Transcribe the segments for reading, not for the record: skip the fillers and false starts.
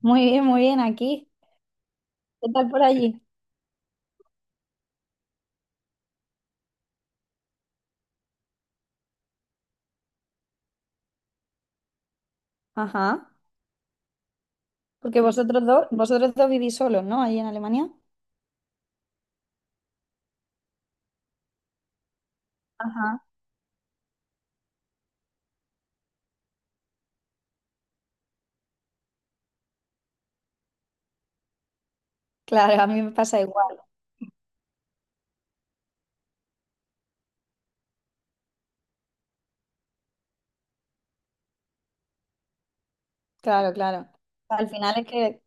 Muy bien, aquí. ¿Qué tal por allí? Ajá. Porque vosotros dos vivís solos, ¿no? Allí en Alemania. Ajá. Claro, a mí me pasa igual. Claro, claro. Al final es que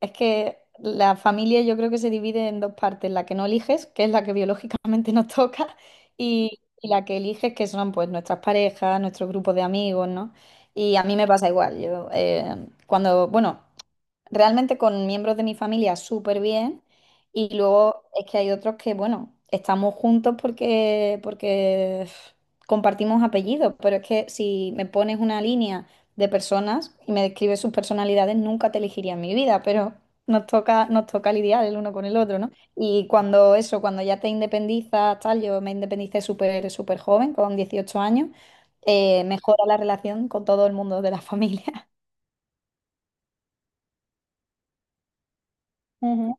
es que la familia yo creo que se divide en dos partes, la que no eliges, que es la que biológicamente nos toca, y la que eliges, que son pues nuestras parejas, nuestros grupos de amigos, ¿no? Y a mí me pasa igual. Yo cuando, bueno, realmente con miembros de mi familia súper bien y luego es que hay otros que, bueno, estamos juntos porque, porque uf, compartimos apellidos, pero es que si me pones una línea de personas y me describes sus personalidades, nunca te elegiría en mi vida, pero nos toca lidiar el uno con el otro, ¿no? Y cuando eso, cuando ya te independizas, tal, yo me independicé súper, súper joven, con 18 años, mejora la relación con todo el mundo de la familia. Ujú.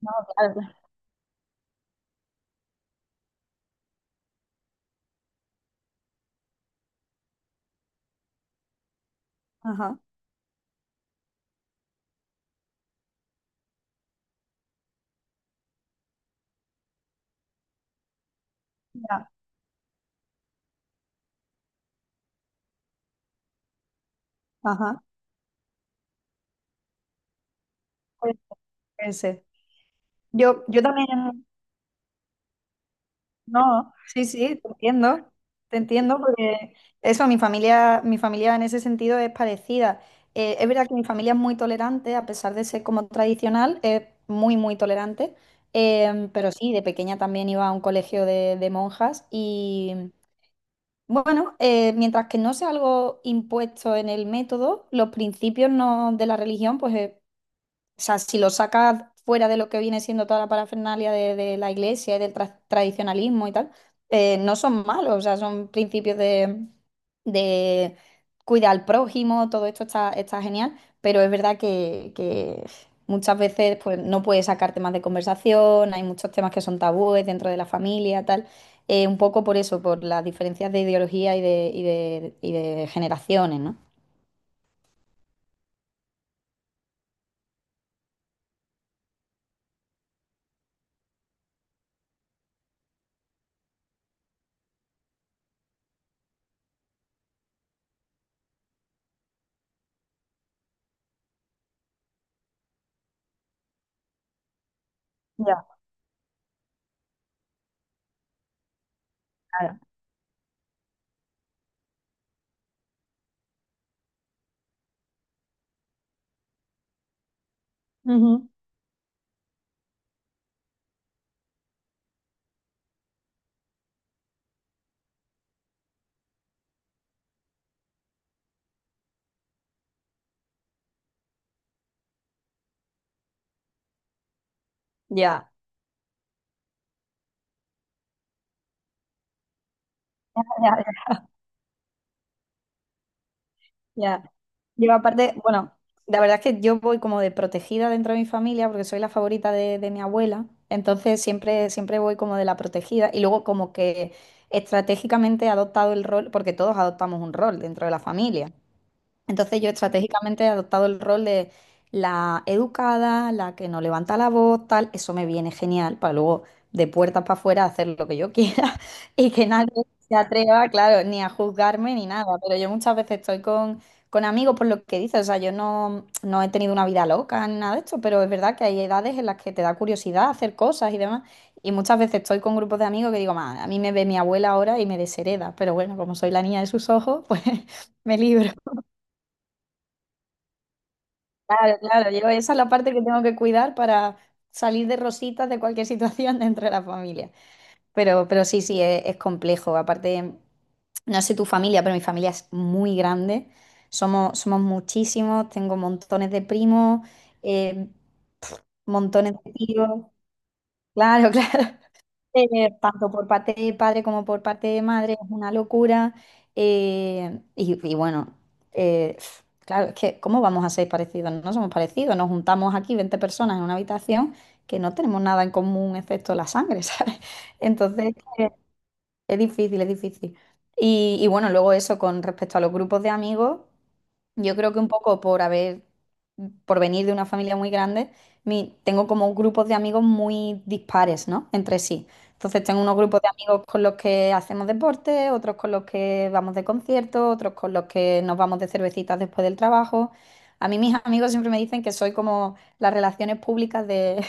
No, claro. Claro. Ajá. Ya, ajá, puede puede ser. Yo también, no, sí, sí, te entiendo porque eso, mi familia en ese sentido es parecida. Es verdad que mi familia es muy tolerante, a pesar de ser como tradicional, es muy, muy tolerante. Pero sí, de pequeña también iba a un colegio de monjas y bueno, mientras que no sea algo impuesto en el método, los principios no, de la religión, pues o sea, si lo sacas fuera de lo que viene siendo toda la parafernalia de la iglesia y del tradicionalismo y tal, no son malos, o sea, son principios de cuidar al prójimo, todo esto está, está genial, pero es verdad que muchas veces pues, no puedes sacar temas de conversación, hay muchos temas que son tabúes dentro de la familia, tal. Un poco por eso, por las diferencias de ideología y de, y de, y de generaciones, ¿no? Ya, claro. Ujú. Ya. Ya. Yo aparte, bueno, la verdad es que yo voy como de protegida dentro de mi familia porque soy la favorita de mi abuela, entonces siempre, siempre voy como de la protegida y luego como que estratégicamente he adoptado el rol, porque todos adoptamos un rol dentro de la familia. Entonces yo estratégicamente he adoptado el rol de la educada, la que no levanta la voz, tal. Eso me viene genial para luego de puertas para afuera hacer lo que yo quiera y que nadie se atreva, claro, ni a juzgarme ni nada. Pero yo muchas veces estoy con amigos por lo que dices. O sea, yo no, no he tenido una vida loca ni nada de esto, pero es verdad que hay edades en las que te da curiosidad hacer cosas y demás. Y muchas veces estoy con grupos de amigos que digo, "Ma, a mí me ve mi abuela ahora y me deshereda". Pero bueno, como soy la niña de sus ojos, pues me libro. Claro, claro, yo esa es la parte que tengo que cuidar para salir de rositas de cualquier situación dentro de la familia. Pero sí, sí, es complejo. Aparte, no sé tu familia, pero mi familia es muy grande. Somos, somos muchísimos, tengo montones de primos, eh, montones de tíos. Claro, claro, tanto por parte de padre como por parte de madre, es una locura. Y bueno, eh, claro, es que ¿cómo vamos a ser parecidos? No somos parecidos, nos juntamos aquí 20 personas en una habitación que no tenemos nada en común excepto la sangre, ¿sabes? Entonces, es difícil, es difícil. Y bueno, luego eso con respecto a los grupos de amigos, yo creo que un poco por haber, por venir de una familia muy grande, tengo como grupos de amigos muy dispares, ¿no? Entre sí. Entonces tengo unos grupos de amigos con los que hacemos deporte, otros con los que vamos de conciertos, otros con los que nos vamos de cervecitas después del trabajo. A mí mis amigos siempre me dicen que soy como las relaciones públicas de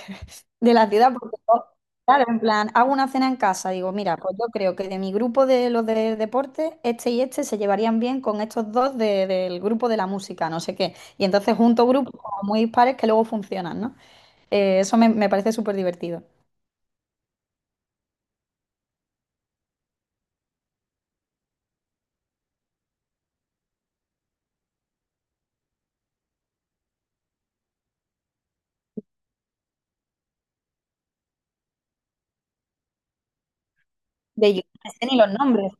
de la ciudad, porque yo, claro, en plan, hago una cena en casa, digo, mira, pues yo creo que de mi grupo de los de deporte, este y este se llevarían bien con estos dos del grupo de la música, no sé qué. Y entonces junto grupos como muy dispares que luego funcionan, ¿no? Eso me, me parece súper divertido. De yo no sé ni los nombres.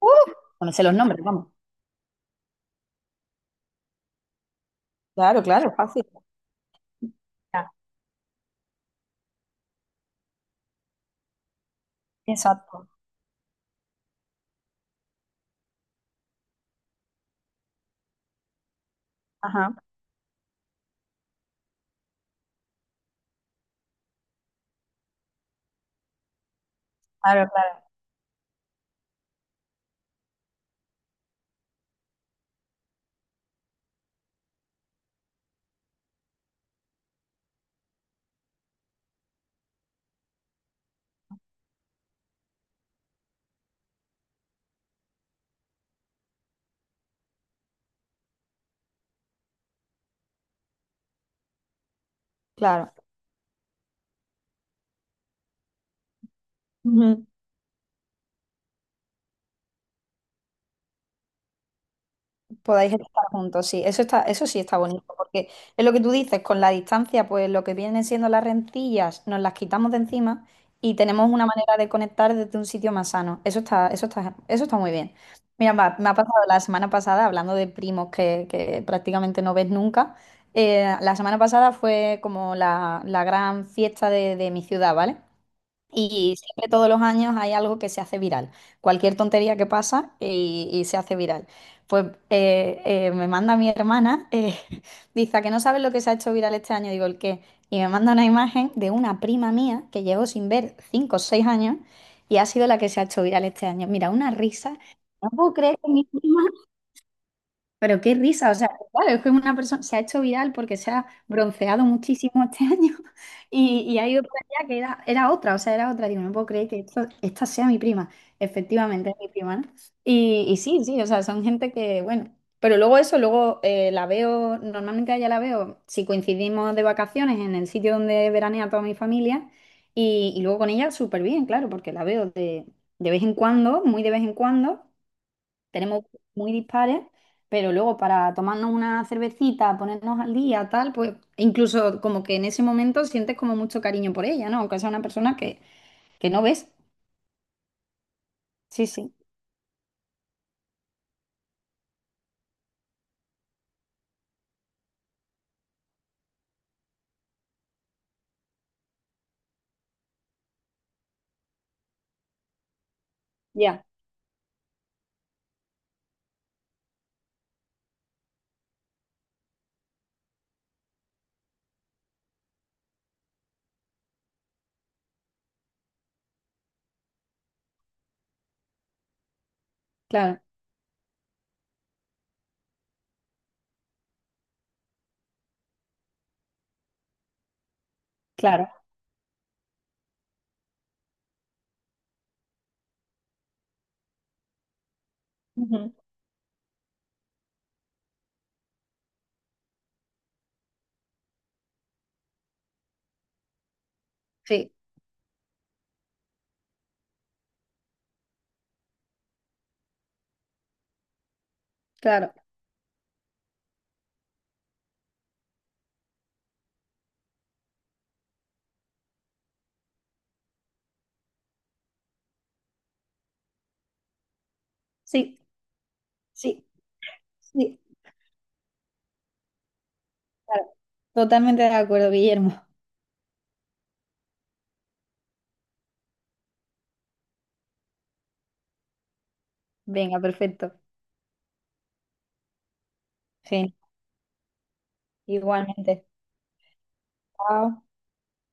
¡Uh! No me sé los nombres, vamos. Claro, claro, fácil. Ya, exacto. Ajá, claro, claro. Claro. Ujú. Podáis estar juntos, sí, eso está, eso sí está bonito, porque es lo que tú dices, con la distancia, pues lo que vienen siendo las rencillas, nos las quitamos de encima y tenemos una manera de conectar desde un sitio más sano. Eso está, eso está, eso está muy bien. Mira, va, me ha pasado la semana pasada, hablando de primos que prácticamente no ves nunca, la semana pasada fue como la gran fiesta de mi ciudad, ¿vale? Y siempre todos los años hay algo que se hace viral. Cualquier tontería que pasa y se hace viral. Pues me manda mi hermana, dice, "¿A que no sabes lo que se ha hecho viral este año?" Digo, "¿El qué?" Y me manda una imagen de una prima mía que llevo sin ver 5 o 6 años y ha sido la que se ha hecho viral este año. Mira, una risa. No puedo creer que mi prima, pero qué risa, o sea, claro, es que una persona se ha hecho viral porque se ha bronceado muchísimo este año y ha ido por allá que era, era otra, o sea, era otra. Digo, no puedo creer que esta sea mi prima. Efectivamente, es mi prima, ¿no? Y sí, sí, o sea, son gente que, bueno, pero luego eso, luego la veo, normalmente allá la veo, si coincidimos de vacaciones en el sitio donde veranea toda mi familia y luego con ella súper bien, claro, porque la veo de vez en cuando, muy de vez en cuando tenemos muy dispares, pero luego para tomarnos una cervecita, ponernos al día, tal, pues incluso como que en ese momento sientes como mucho cariño por ella, ¿no? Aunque sea una persona que no ves. Sí, sí, ya, claro, claro. Ujú. Sí, claro, sí, sí, sí, claro. Totalmente de acuerdo, Guillermo. Venga, perfecto. Sí, igualmente. Chao.